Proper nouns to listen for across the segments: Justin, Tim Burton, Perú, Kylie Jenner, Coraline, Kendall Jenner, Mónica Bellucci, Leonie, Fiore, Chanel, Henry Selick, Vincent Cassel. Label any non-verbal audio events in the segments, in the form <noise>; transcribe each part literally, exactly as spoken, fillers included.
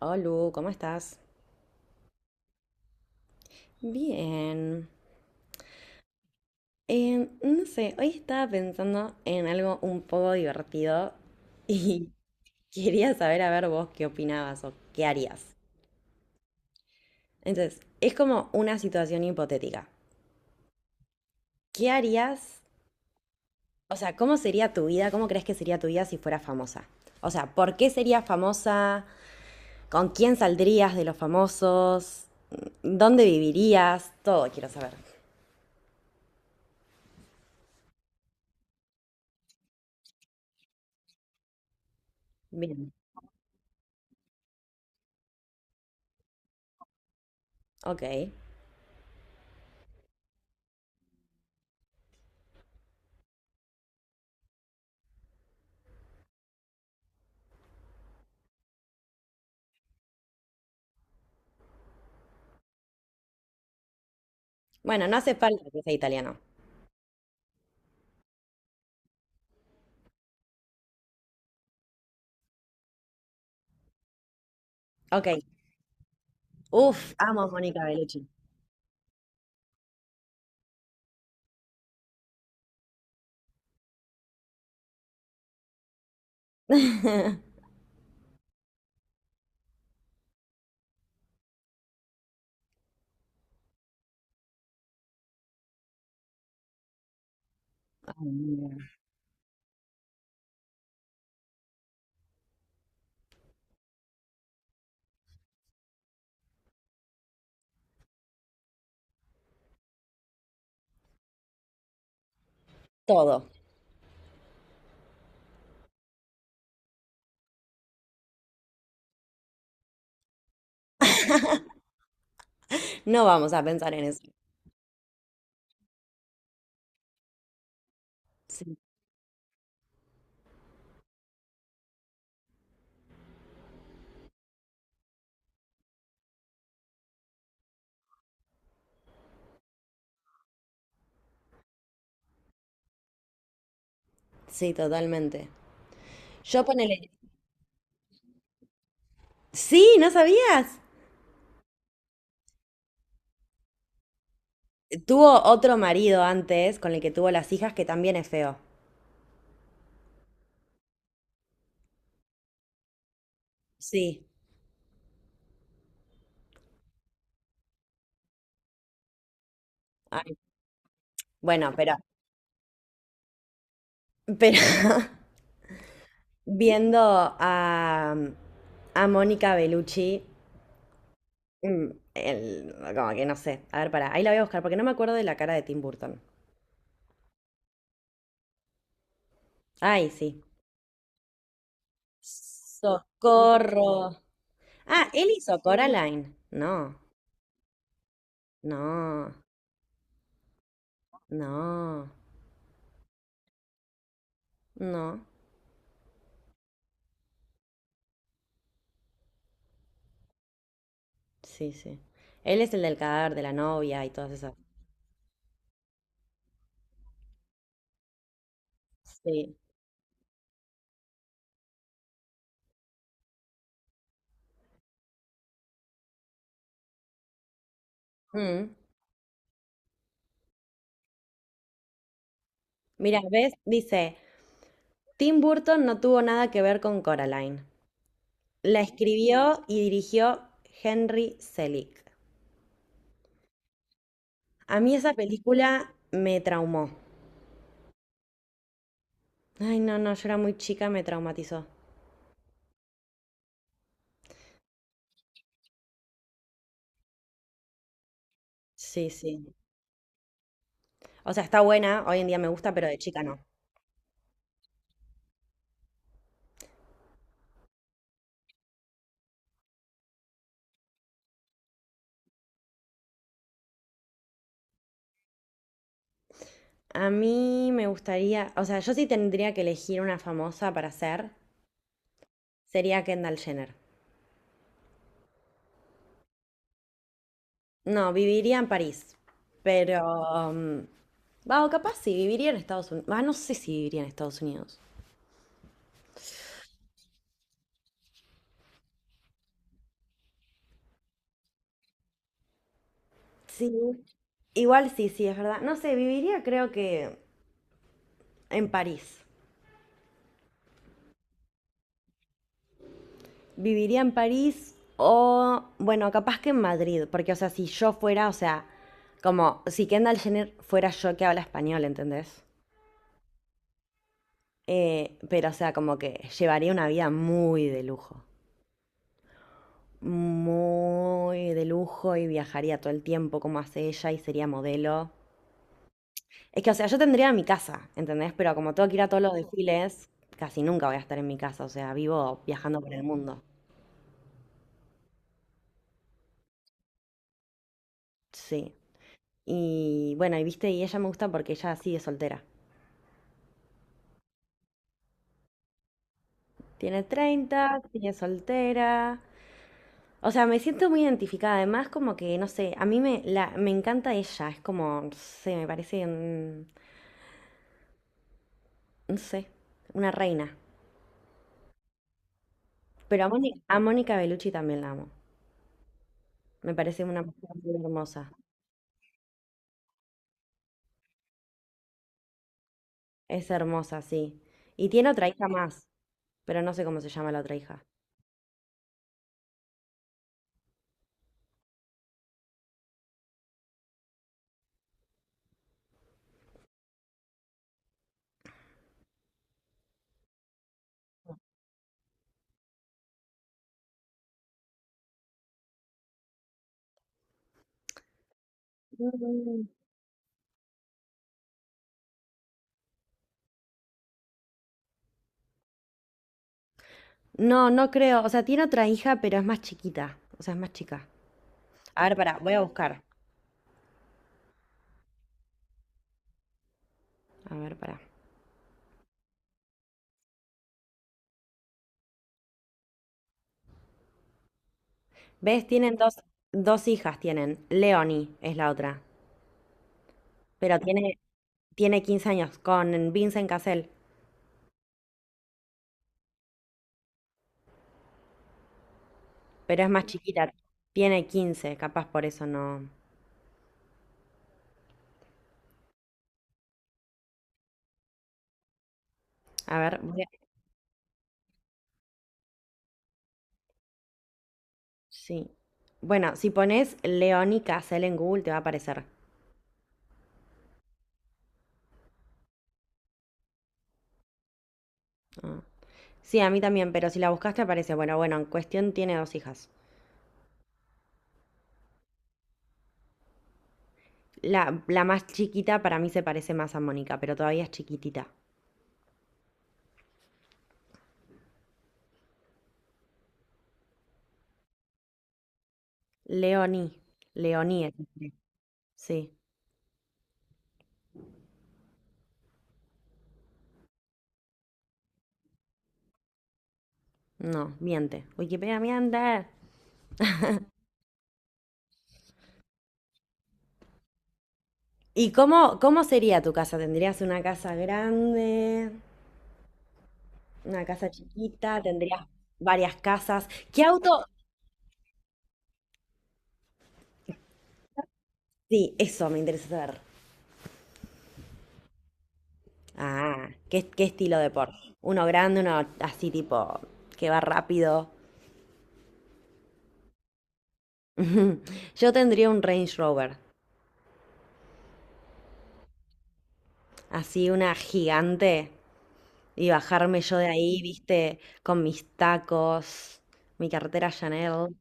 Olu, ¿cómo estás? Bien. Eh, no sé, hoy estaba pensando en algo un poco divertido y <laughs> quería saber, a ver, vos qué opinabas o qué harías. Entonces, es como una situación hipotética. ¿Qué harías? O sea, ¿cómo sería tu vida? ¿Cómo crees que sería tu vida si fueras famosa? O sea, ¿por qué serías famosa? ¿Con quién saldrías de los famosos? ¿Dónde vivirías? Todo quiero saber. Bien. Ok. Bueno, no hace falta que sea italiano. Ok. Uf, amo a Mónica Bellucci. <laughs> Todo. No vamos a pensar en eso. Sí, sí, totalmente. Yo ponele. Sí, ¿no sabías? Tuvo otro marido antes con el que tuvo las hijas que también es feo. Sí. Ay, bueno, pero, pero <laughs> viendo a, a Mónica Bellucci, mm, el- como que no sé. A ver, pará, ahí la voy a buscar porque no me acuerdo de la cara de Tim Burton. Ay, sí. Socorro. Ah, él hizo sí, Coraline. No, no, no, no. Sí, sí. Él es el del cadáver de la novia y todas esas. Sí. Mm. Mira, ¿ves? Dice, Tim Burton no tuvo nada que ver con Coraline. La escribió y dirigió Henry Selick. A mí esa película me traumó. Ay, no, no, yo era muy chica, me traumatizó. Sí, sí. O sea, está buena, hoy en día me gusta, pero de chica no. A mí me gustaría, o sea, yo sí tendría que elegir una famosa para ser, sería Kendall Jenner. No, viviría en París, pero... mm, va, o capaz sí, viviría en Estados Unidos. Ah, no sé si viviría en Estados Unidos. Sí. Igual sí, sí, es verdad. No sé, viviría creo que en París. Viviría en París o, bueno, capaz que en Madrid, porque, o sea, si yo fuera, o sea, como si Kendall Jenner fuera yo que habla español, ¿entendés? Eh, pero, o sea, como que llevaría una vida muy de lujo, muy de lujo y viajaría todo el tiempo como hace ella y sería modelo. Es que, o sea, yo tendría mi casa, ¿entendés? Pero como tengo que ir a todos los desfiles, casi nunca voy a estar en mi casa, o sea, vivo viajando por el mundo. Sí. Y bueno, y viste, y ella me gusta porque ella sigue soltera. Tiene treinta, sigue soltera. O sea, me siento muy identificada. Además, como que, no sé, a mí me, la, me encanta ella. Es como, no sé, me parece un- no sé, una reina. Pero a Mónica, a Mónica Bellucci también la amo. Me parece una mujer muy hermosa. Es hermosa, sí. Y tiene otra hija más, pero no sé cómo se llama la otra hija. No, no creo. O sea, tiene otra hija, pero es más chiquita. O sea, es más chica. A ver, pará, voy a buscar. A ver, pará. ¿Ves? Tienen dos, dos hijas, tienen. Leonie es la otra. Pero tiene, tiene quince años con Vincent Cassel, pero es más chiquita. Tiene quince, capaz por eso no. A ver, voy a... Sí. Bueno, si pones Leoni Casel en Google te va a aparecer. Ah. Sí, a mí también, pero si la buscas te aparece. Bueno, bueno, en cuestión tiene dos hijas. La, la más chiquita para mí se parece más a Mónica, pero todavía es chiquitita. Leonie. Leonie es- Sí. No, miente. Wikipedia miente. ¿Y cómo, cómo sería tu casa? ¿Tendrías una casa grande? ¿Una casa chiquita? ¿Tendrías varias casas? ¿Qué auto? Sí, eso me interesa saber. Ah, ¿qué, qué estilo de Porsche? Uno grande, uno así tipo que va rápido. <laughs> Yo tendría un Range Rover, así una gigante, y bajarme yo de ahí, viste, con mis tacos, mi cartera Chanel.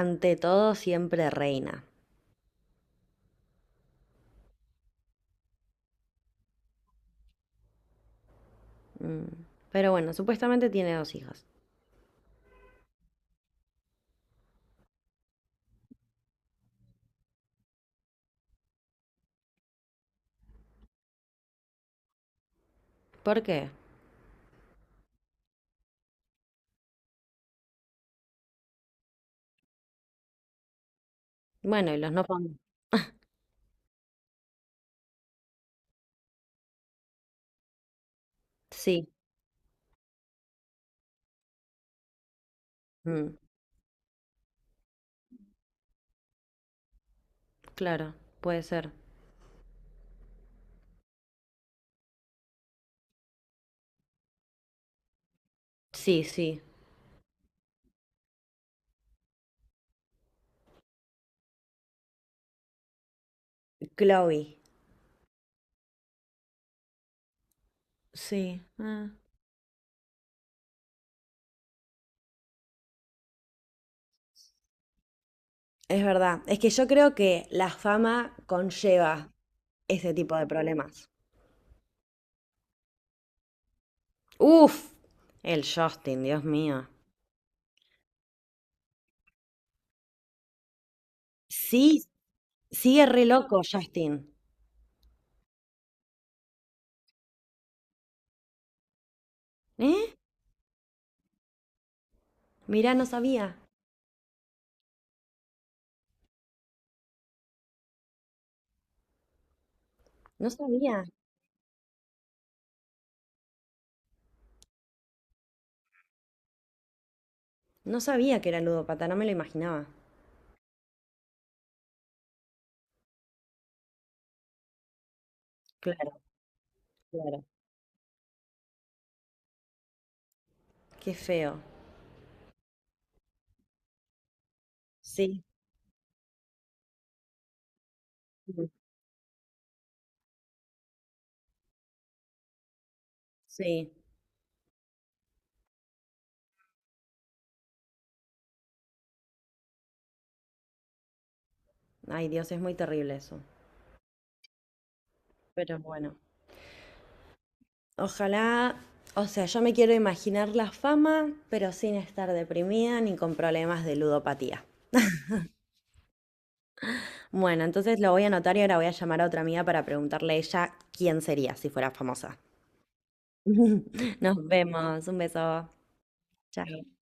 Ante todo, siempre reina. Mm. Pero bueno, supuestamente tiene dos hijas. ¿Por qué? Bueno, y los no pon- Sí, mm, claro, puede ser. Sí, sí. Chloe. Sí. Ah. Es verdad. Es que yo creo que la fama conlleva ese tipo de problemas. Uf, el Justin, Dios mío. Sí, sigue re loco Justin. ¿Eh? Mirá, no sabía. No sabía. No sabía que era ludópata, no me lo imaginaba. Claro, claro. Qué feo. Sí, mm, sí. Ay, Dios, es muy terrible eso. Pero bueno. Ojalá, o sea, yo me quiero imaginar la fama, pero sin estar deprimida ni con problemas de ludopatía. Bueno, entonces lo voy a anotar y ahora voy a llamar a otra amiga para preguntarle a ella quién sería si fuera famosa. <laughs> Nos vemos. Un beso. Chao.